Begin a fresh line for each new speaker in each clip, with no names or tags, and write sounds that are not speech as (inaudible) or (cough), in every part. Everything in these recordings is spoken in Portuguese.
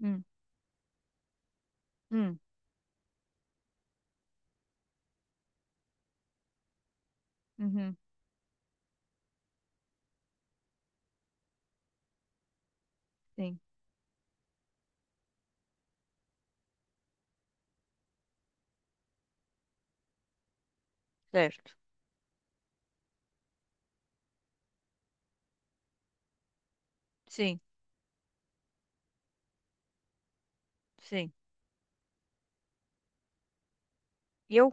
Hum, hum, uhum, sim, certo. Sim, sim. Eu?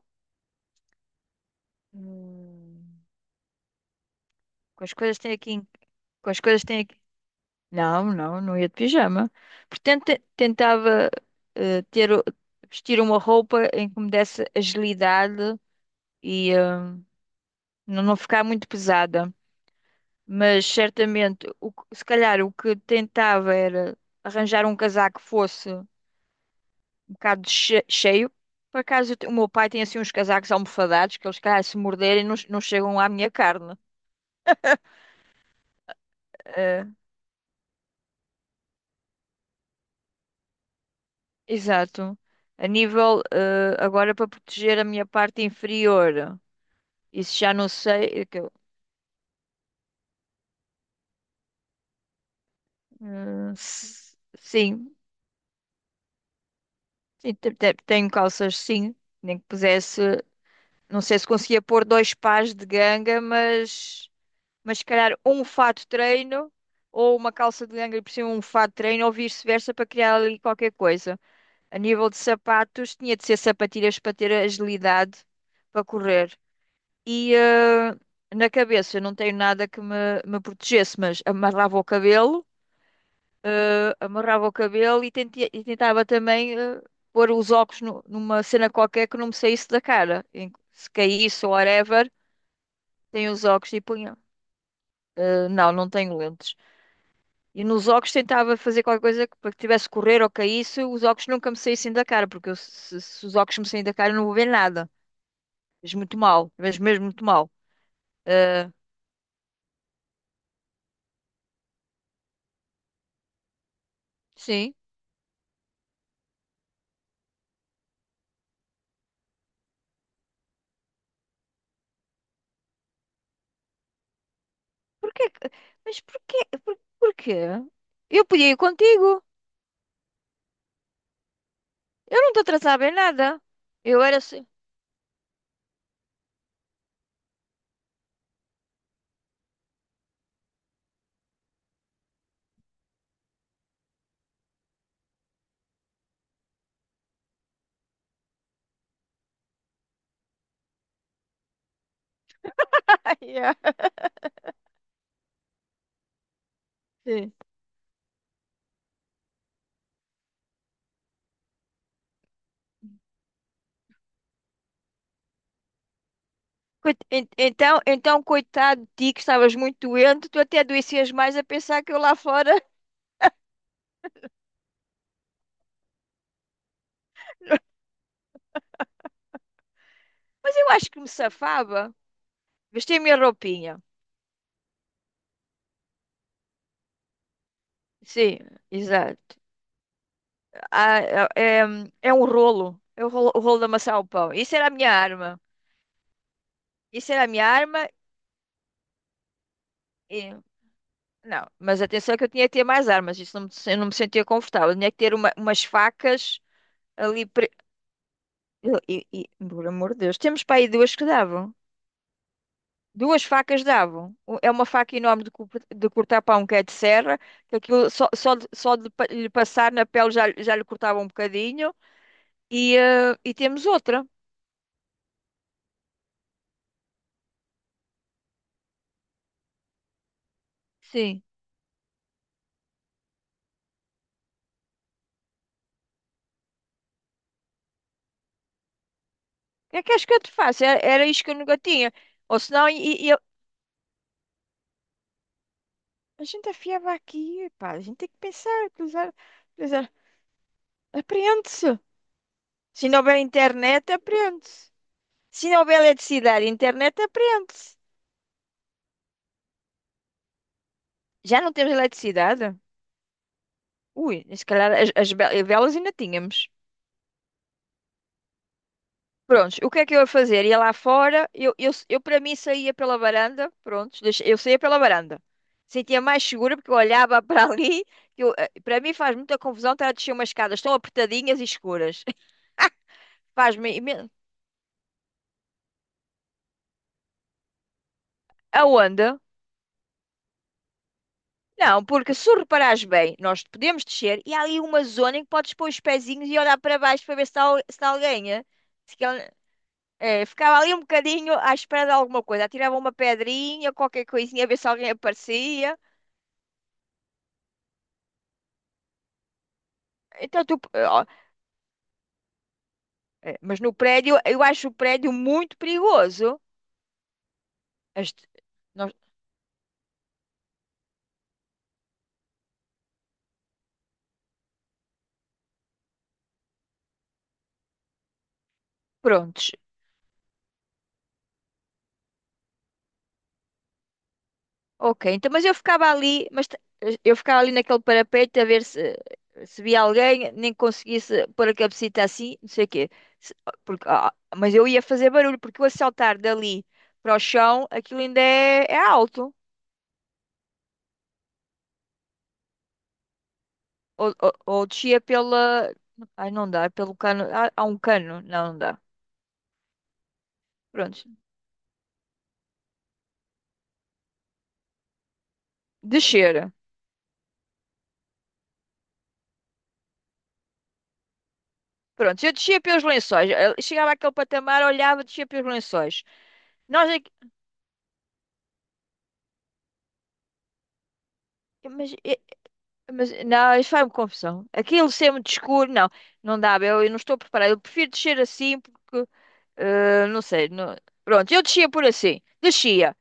Hum, com as coisas que tenho aqui, em- com as coisas que tenho aqui. Não, não, não ia de pijama. Portanto, tentava eh, ter, o- vestir uma roupa em que me desse agilidade e não, não ficar muito pesada. Mas certamente, se calhar o que tentava era arranjar um casaco que fosse um bocado cheio. Por acaso, o meu pai tem assim uns casacos almofadados que eles, calhar, se morderem, não, não chegam à minha carne. Eh, Exato. A nível, agora para proteger a minha parte inferior, isso já não sei. Sim, sim, tenho calças, sim. Nem que pusesse, não sei se conseguia pôr dois pares de ganga, mas se calhar um fato de treino ou uma calça de ganga e por cima um fato de treino ou vice-versa para criar ali qualquer coisa. A nível de sapatos, tinha de ser sapatilhas para ter agilidade para correr. E na cabeça, eu não tenho nada que me protegesse, mas amarrava o cabelo e, tentava também pôr os óculos numa cena qualquer que não me saísse da cara. Se caísse ou whatever, tenho os óculos e punha. Não, não tenho lentes. E nos óculos tentava fazer qualquer coisa que, para que tivesse que correr ou caísse, os óculos nunca me saíssem da cara, porque eu, se os óculos me saírem da cara, eu não vou ver nada. Mas muito mal, mas mesmo muito mal. Ah, sim. Porquê? Mas porquê? Porquê? Eu podia ir contigo. Eu não te atrasava em nada. Eu era assim. (laughs) Ai, ai. Sim. Então, coitado de ti, que estavas muito doente, tu até adoecias mais a pensar que eu lá fora. (laughs) Mas eu acho que me safava. Vesti a minha roupinha. Sim, exato. Ah, é, é é um rolo. É o rolo de amassar o pão. Isso era a minha arma. Isso era a minha arma. Não, mas atenção que eu tinha que ter mais armas, isso não me, eu não me sentia confortável. Eu tinha que ter umas facas ali. E, por amor de Deus, temos para aí duas que davam. Duas facas davam. É uma faca enorme de cortar pão que é de serra, que aquilo só lhe passar na pele já, lhe cortava um bocadinho. E temos outra. Sim. O que é que acho que eu te faço? Era isto que eu nunca tinha. Ou senão, a gente afiava aqui, pá, a gente tem que pensar, utilizar. Apreende-se. Se não houver internet, aprende-se. Se não houver eletricidade e internet, aprende-se. Já não temos eletricidade? Ui, se calhar as velas ainda tínhamos. Prontos, o que é que eu ia fazer? Ia lá fora, eu para mim saía pela varanda, prontos, eu saía pela varanda. Sentia mais segura porque eu olhava (laughs) para ali, para mim faz muita confusão estar a descer umas escadas tão apertadinhas e escuras. (laughs) Faz-me imen- Aonde? Não, porque se tu reparares bem, nós podemos descer e há ali uma zona em que podes pôr os pezinhos e olhar para baixo para ver se está alguém. Eh? Se que ele- eh, Ficava ali um bocadinho à espera de alguma coisa. Atirava uma pedrinha, qualquer coisinha, a ver se alguém aparecia. Então tu, ó, mas no prédio, eu acho o prédio muito perigoso. As- nós- prontos. Ok, então, mas eu ficava ali, eu ficava ali naquele parapeito a ver se, via alguém, nem conseguisse pôr a cabecita assim, não sei o quê. Se- porque, ah, mas eu ia fazer barulho, porque eu o saltar dali para o chão, aquilo ainda é alto. Ou descia pela. Ai, não dá, pelo cano. Há um cano, não, não dá. Prontos, descer. Pronto, eu descia pelos lençóis. Eu chegava àquele patamar, olhava, descia pelos lençóis. Nós aqui, mas mas não, isso faz-me confusão. Aquilo ser muito escuro, não, não dá, eu não estou preparada. Eu prefiro descer assim porque não sei. Pronto, eu descia por assim, descia,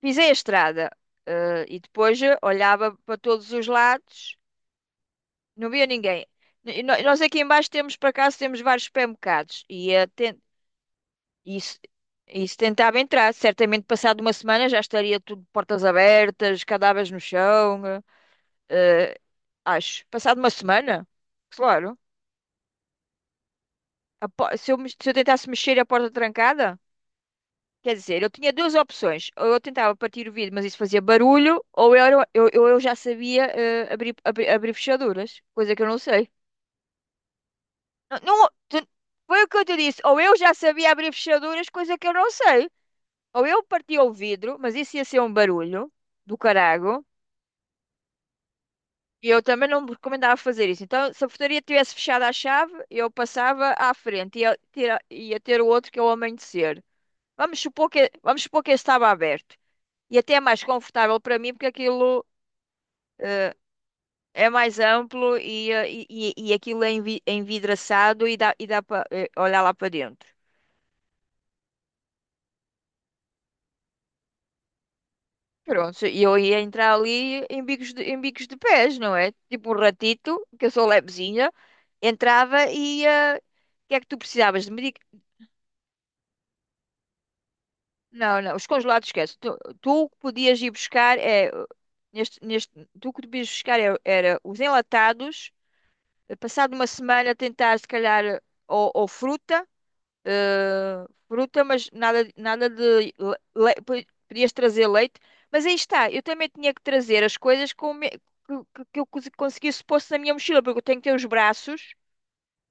pisei a estrada e depois olhava para todos os lados, não via ninguém. E nós aqui embaixo temos, por acaso, temos vários supermercados e, e se e se tentava entrar, certamente passado uma semana já estaria tudo portas abertas, cadáveres no chão. Eh. Eh, Acho. Passado uma semana? Claro. Se eu tentasse mexer e a porta trancada, quer dizer, eu tinha duas opções. Ou eu tentava partir o vidro, mas isso fazia barulho, ou eu, era- eu já sabia abrir fechaduras, coisa que eu não sei. Não, foi o que eu te disse. Ou eu já sabia abrir fechaduras, coisa que eu não sei. Ou eu partia o vidro, mas isso ia ser um barulho do carago. E eu também não me recomendava fazer isso. Então, se a portaria tivesse fechado à chave, eu passava à frente e ia ter o outro que é o amanhecer. Vamos supor que esse estava aberto. E até é mais confortável para mim, porque aquilo eh, é mais amplo e aquilo é envidraçado e dá para olhar lá para dentro. Pronto, e eu ia entrar ali em bicos de pés, não é? Tipo um ratito, que eu sou levezinha, entrava e ia. O que é que tu precisavas de medic. Não, não, os congelados esquece. Tu o que podias ir buscar é neste, neste, tu o que podias buscar era os enlatados, passado uma semana tentar se calhar ou fruta, mas nada, nada de le- le- po- podias trazer leite, mas aí está, eu também tinha que trazer as coisas com, me- que eu conseguisse pôr na minha mochila, porque eu tenho que ter os braços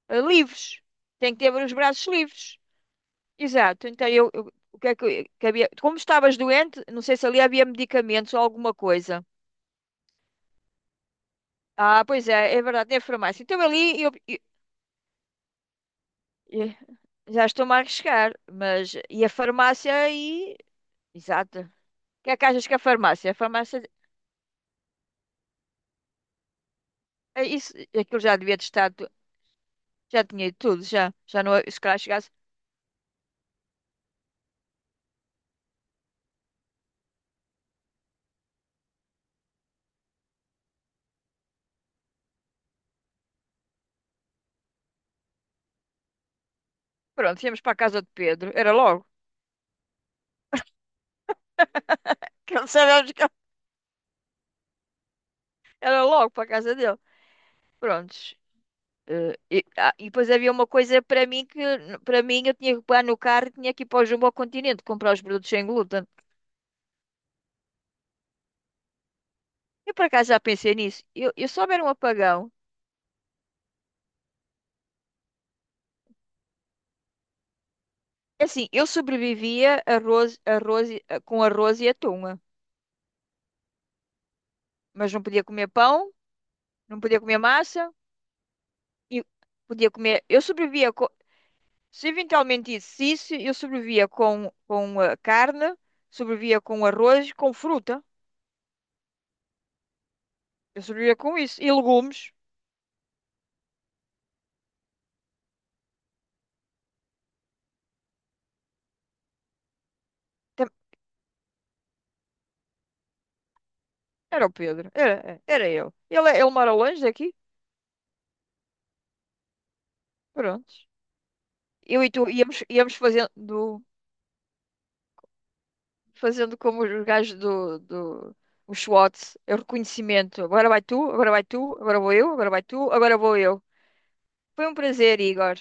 livres, tenho que ter os braços livres. Exato, então o que é que havia, como estavas doente, não sei se ali havia medicamentos ou alguma coisa. Ah, pois é verdade, tem a farmácia. Então ali eu- já estou-me a arriscar, mas e a farmácia aí? Exato. O que é que achas que a farmácia? A farmácia, é isso, aquilo já devia ter estado, já tinha ido tudo, já não, se calhar chegasse. Pronto, íamos para a casa de Pedro, era logo, (laughs) que não sabemos que era logo para a casa dele. Pronto, ah, e depois havia uma coisa para mim que para mim eu tinha que pegar no carro e tinha que ir para o Jumbo ao Continente comprar os produtos sem glúten. Eu por acaso já pensei nisso. Eu se houver um apagão, é assim, eu sobrevivia com arroz e atum, mas não podia comer pão, não podia comer massa e podia comer. Se eventualmente isso, se isso, eu sobrevivia com carne, sobrevivia com arroz, com fruta. Eu sobrevivia com isso e legumes. Era o Pedro, era eu. Ele mora longe daqui, pronto. Eu e tu íamos, fazendo como os gajos do, do os SWAT, é o reconhecimento. Agora vai tu, agora vai tu, agora vou eu, agora vai tu, agora vou eu. Foi um prazer, Igor.